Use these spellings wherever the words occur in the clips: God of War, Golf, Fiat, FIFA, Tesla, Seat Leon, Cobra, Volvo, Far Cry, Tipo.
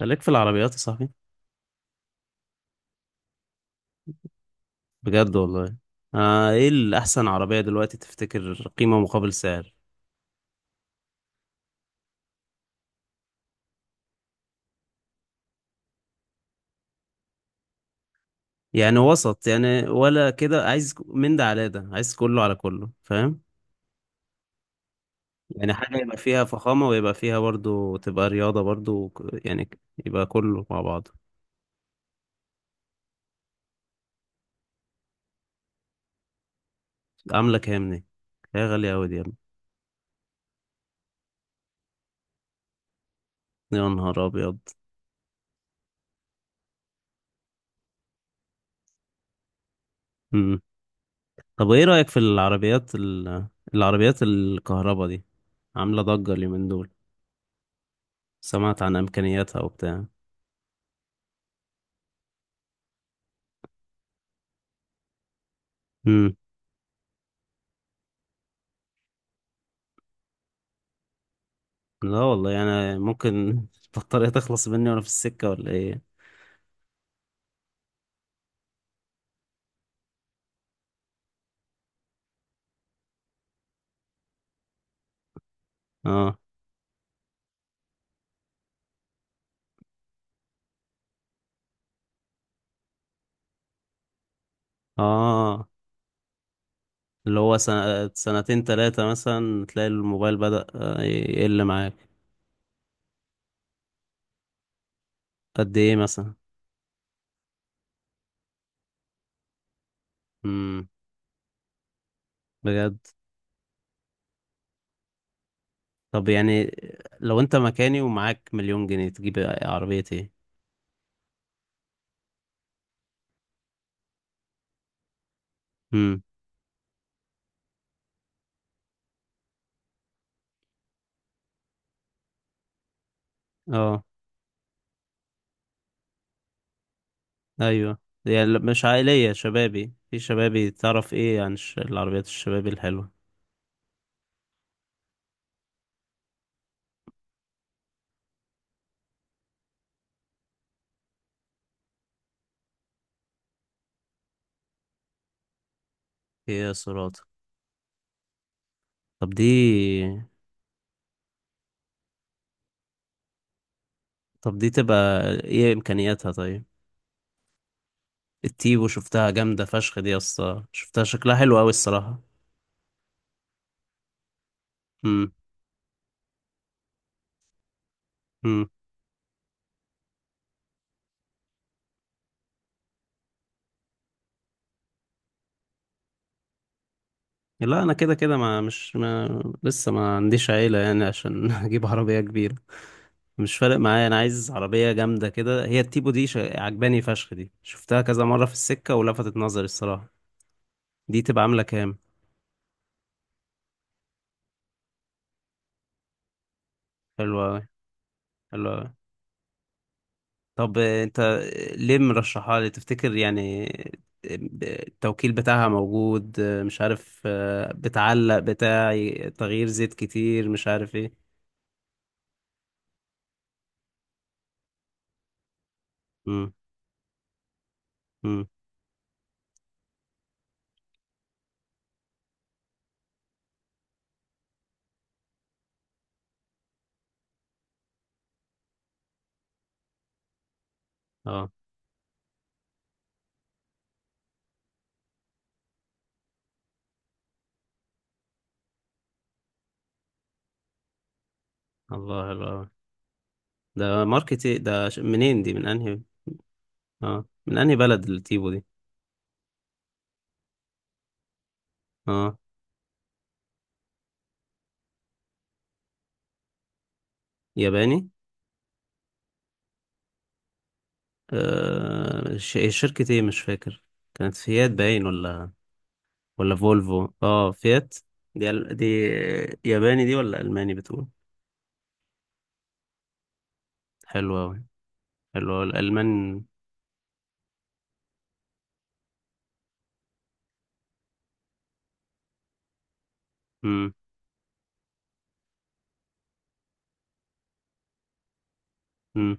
خليك في العربيات يا صاحبي. بجد والله. ايه الأحسن عربية دلوقتي تفتكر قيمة مقابل سعر؟ يعني وسط يعني، ولا كده عايز من ده على ده، عايز كله على كله، فاهم؟ يعني حاجة يبقى فيها فخامة ويبقى فيها برضو تبقى رياضة برضو يبقى كله مع بعض. عاملة كام دي؟ هي غالية أوي دي يا ابني. يا نهار أبيض. مم. طب ايه رأيك في العربيات الكهرباء دي؟ عاملة ضجة اليومين دول. سمعت عن إمكانياتها وبتاع. لا والله انا ممكن البطارية تخلص مني وانا في السكة ولا ايه. اه. اه، اللي هو سنة سنتين تلاتة مثلا تلاقي الموبايل بدأ يقل معاك. قد ايه مثلا؟ امم بجد. طب يعني، لو انت مكاني ومعاك مليون جنيه تجيب عربية ايه؟ امم اه، ايوه. يعني مش عائلية، شبابي في شبابي. تعرف ايه عن العربيات الشبابي الحلوة؟ ايه يا سرعة؟ طب دي، تبقى ايه امكانياتها طيب؟ التيبو شفتها جامدة فشخ دي يا اسطى، شفتها شكلها حلو أوي الصراحة. مم. مم. لا أنا كده كده ما مش ما لسه ما عنديش عيلة يعني عشان أجيب عربية كبيرة. مش فارق معايا، أنا عايز عربية جامدة كده. هي التيبو دي عجباني فشخ دي، شفتها كذا مرة في السكة ولفتت نظري الصراحة. دي تبقى عاملة كام؟ حلوة أوي. حلوة أوي. طب، انت ليه مرشحها لي تفتكر يعني؟ آه، التوكيل بتاعها موجود؟ مش عارف، بتعلق بتاع تغيير زيت كتير مش عارف ايه. امم. امم. اه. الله، حلو أوي. ده ماركت إيه؟ ده منين دي؟ من انهي؟ اه، من انهي بلد التيبو دي؟ اه، ياباني. شركة ايه مش فاكر. كانت فيات باين، ولا فولفو؟ اه فيات. دي دي ياباني دي ولا الماني بتقول؟ حلوة أوي. اللي هو الألمان. مم. مم.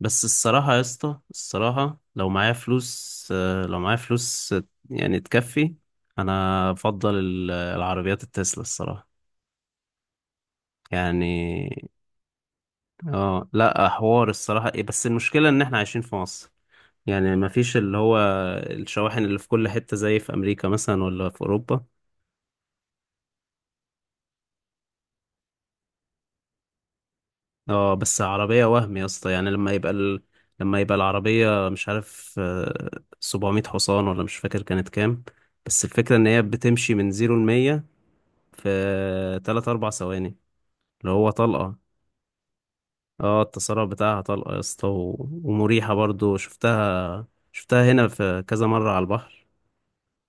بس الصراحة يا اسطى الصراحة، لو معايا فلوس، يعني تكفي، أنا أفضل العربيات التسلا الصراحة. يعني اه، لا، حوار الصراحة ايه، بس المشكلة إن احنا عايشين في مصر. يعني مفيش اللي هو الشواحن اللي في كل حتة زي في أمريكا مثلا ولا في أوروبا. اه، بس عربية وهم يا اسطى. يعني لما يبقى العربية مش عارف، 700 حصان ولا مش فاكر كانت كام. بس الفكرة ان هي بتمشي من زيرو لمية في تلات أربع ثواني، اللي هو طلقة. اه، التسارع بتاعها طلقة يا اسطى، ومريحة برضو. شفتها هنا في كذا مرة على البحر.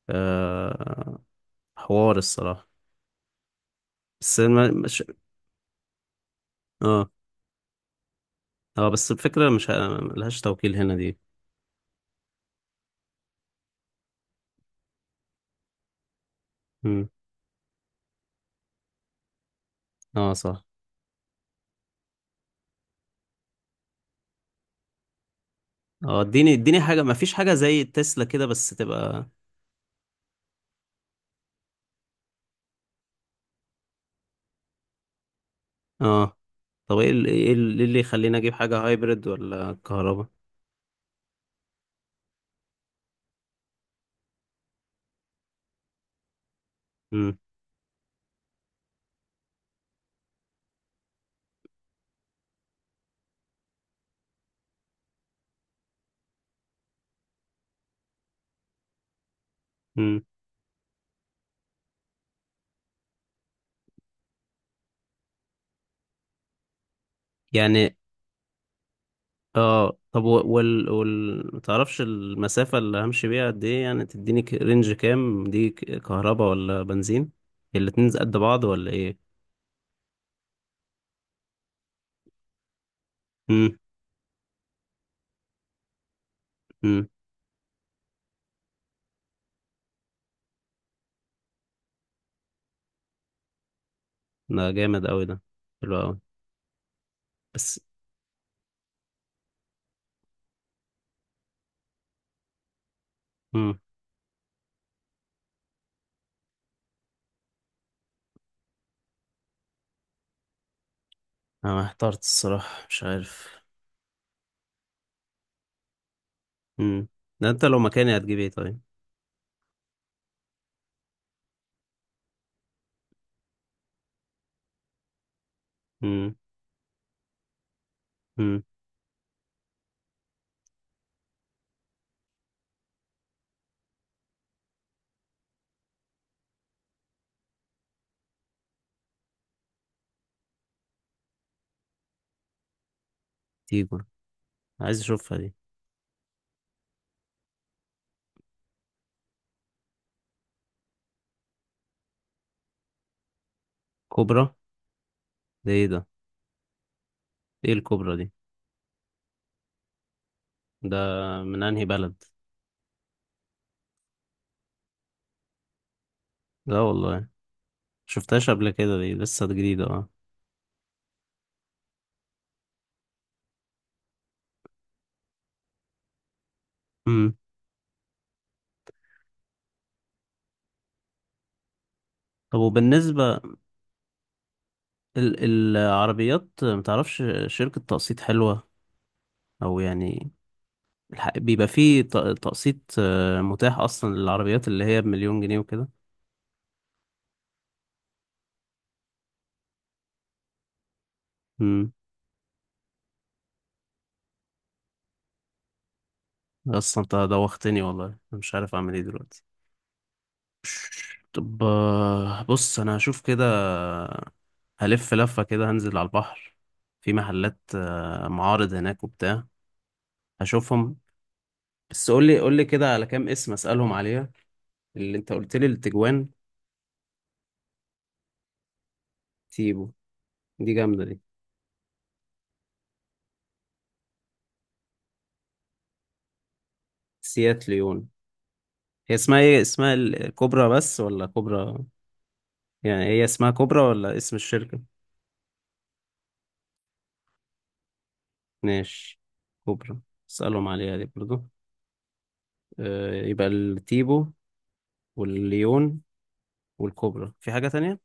آه... حوار الصراحة. بس الم- مش... اه. اه، بس الفكرة مش ه- ملهاش توكيل هنا دي. مم. اه صح. اه، اديني اديني حاجة، ما فيش حاجة زي تسلا كده بس تبقى. اه. طب ايه إيه اللي يخليني اجيب حاجة هايبرد ولا كهرباء؟ امم. امم. يعني اه. طب، وال ما تعرفش المسافة اللي همشي بيها قد ايه، يعني تديني رينج كام؟ دي كهرباء ولا بنزين؟ الاتنين قد بعض ولا ايه؟ امم. امم. ده جامد قوي ده، حلو قوي. بس. امم انا احترت الصراحة مش عارف. امم ده انت لو مكاني هتجيب ايه طيب؟ امم. امم. تيجو، عايز اشوفها دي. كوبرا. ده ايه ده ايه الكوبرا دي؟ ده من انهي بلد؟ لا والله شفتهاش قبل كده، دي لسه جديدة اه. امم. طب وبالنسبة ال العربيات، متعرفش شركة تقسيط حلوة؟ او يعني بيبقى فيه تقسيط متاح اصلا للعربيات اللي هي بمليون جنيه وكده؟ امم اصلا انت دوختني والله، أنا مش عارف اعمل ايه دلوقتي. طب بص، انا هشوف كده، هلف لفة كده هنزل على البحر، في محلات، معارض هناك وبتاع. هشوفهم. بس قولي قولي كده على كام اسم اسألهم عليها. اللي انت قلت لي التجوان، تيبو دي جامدة دي، سيات ليون. هي اسمها ايه؟ كوبرا بس ولا كوبرا؟ يعني هي اسمها كوبرا ولا اسم الشركة؟ ماشي. كوبرا، اسألهم عليها دي برضو. يبقى التيبو والليون والكوبرا. في حاجة تانية؟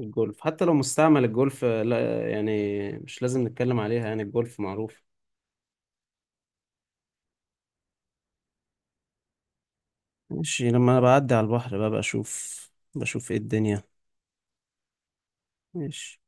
الجولف حتى لو مستعمل، الجولف لا يعني مش لازم نتكلم عليها يعني الجولف معروف. ماشي، لما انا بعدي على البحر بقى بشوف ايه الدنيا. ماشي.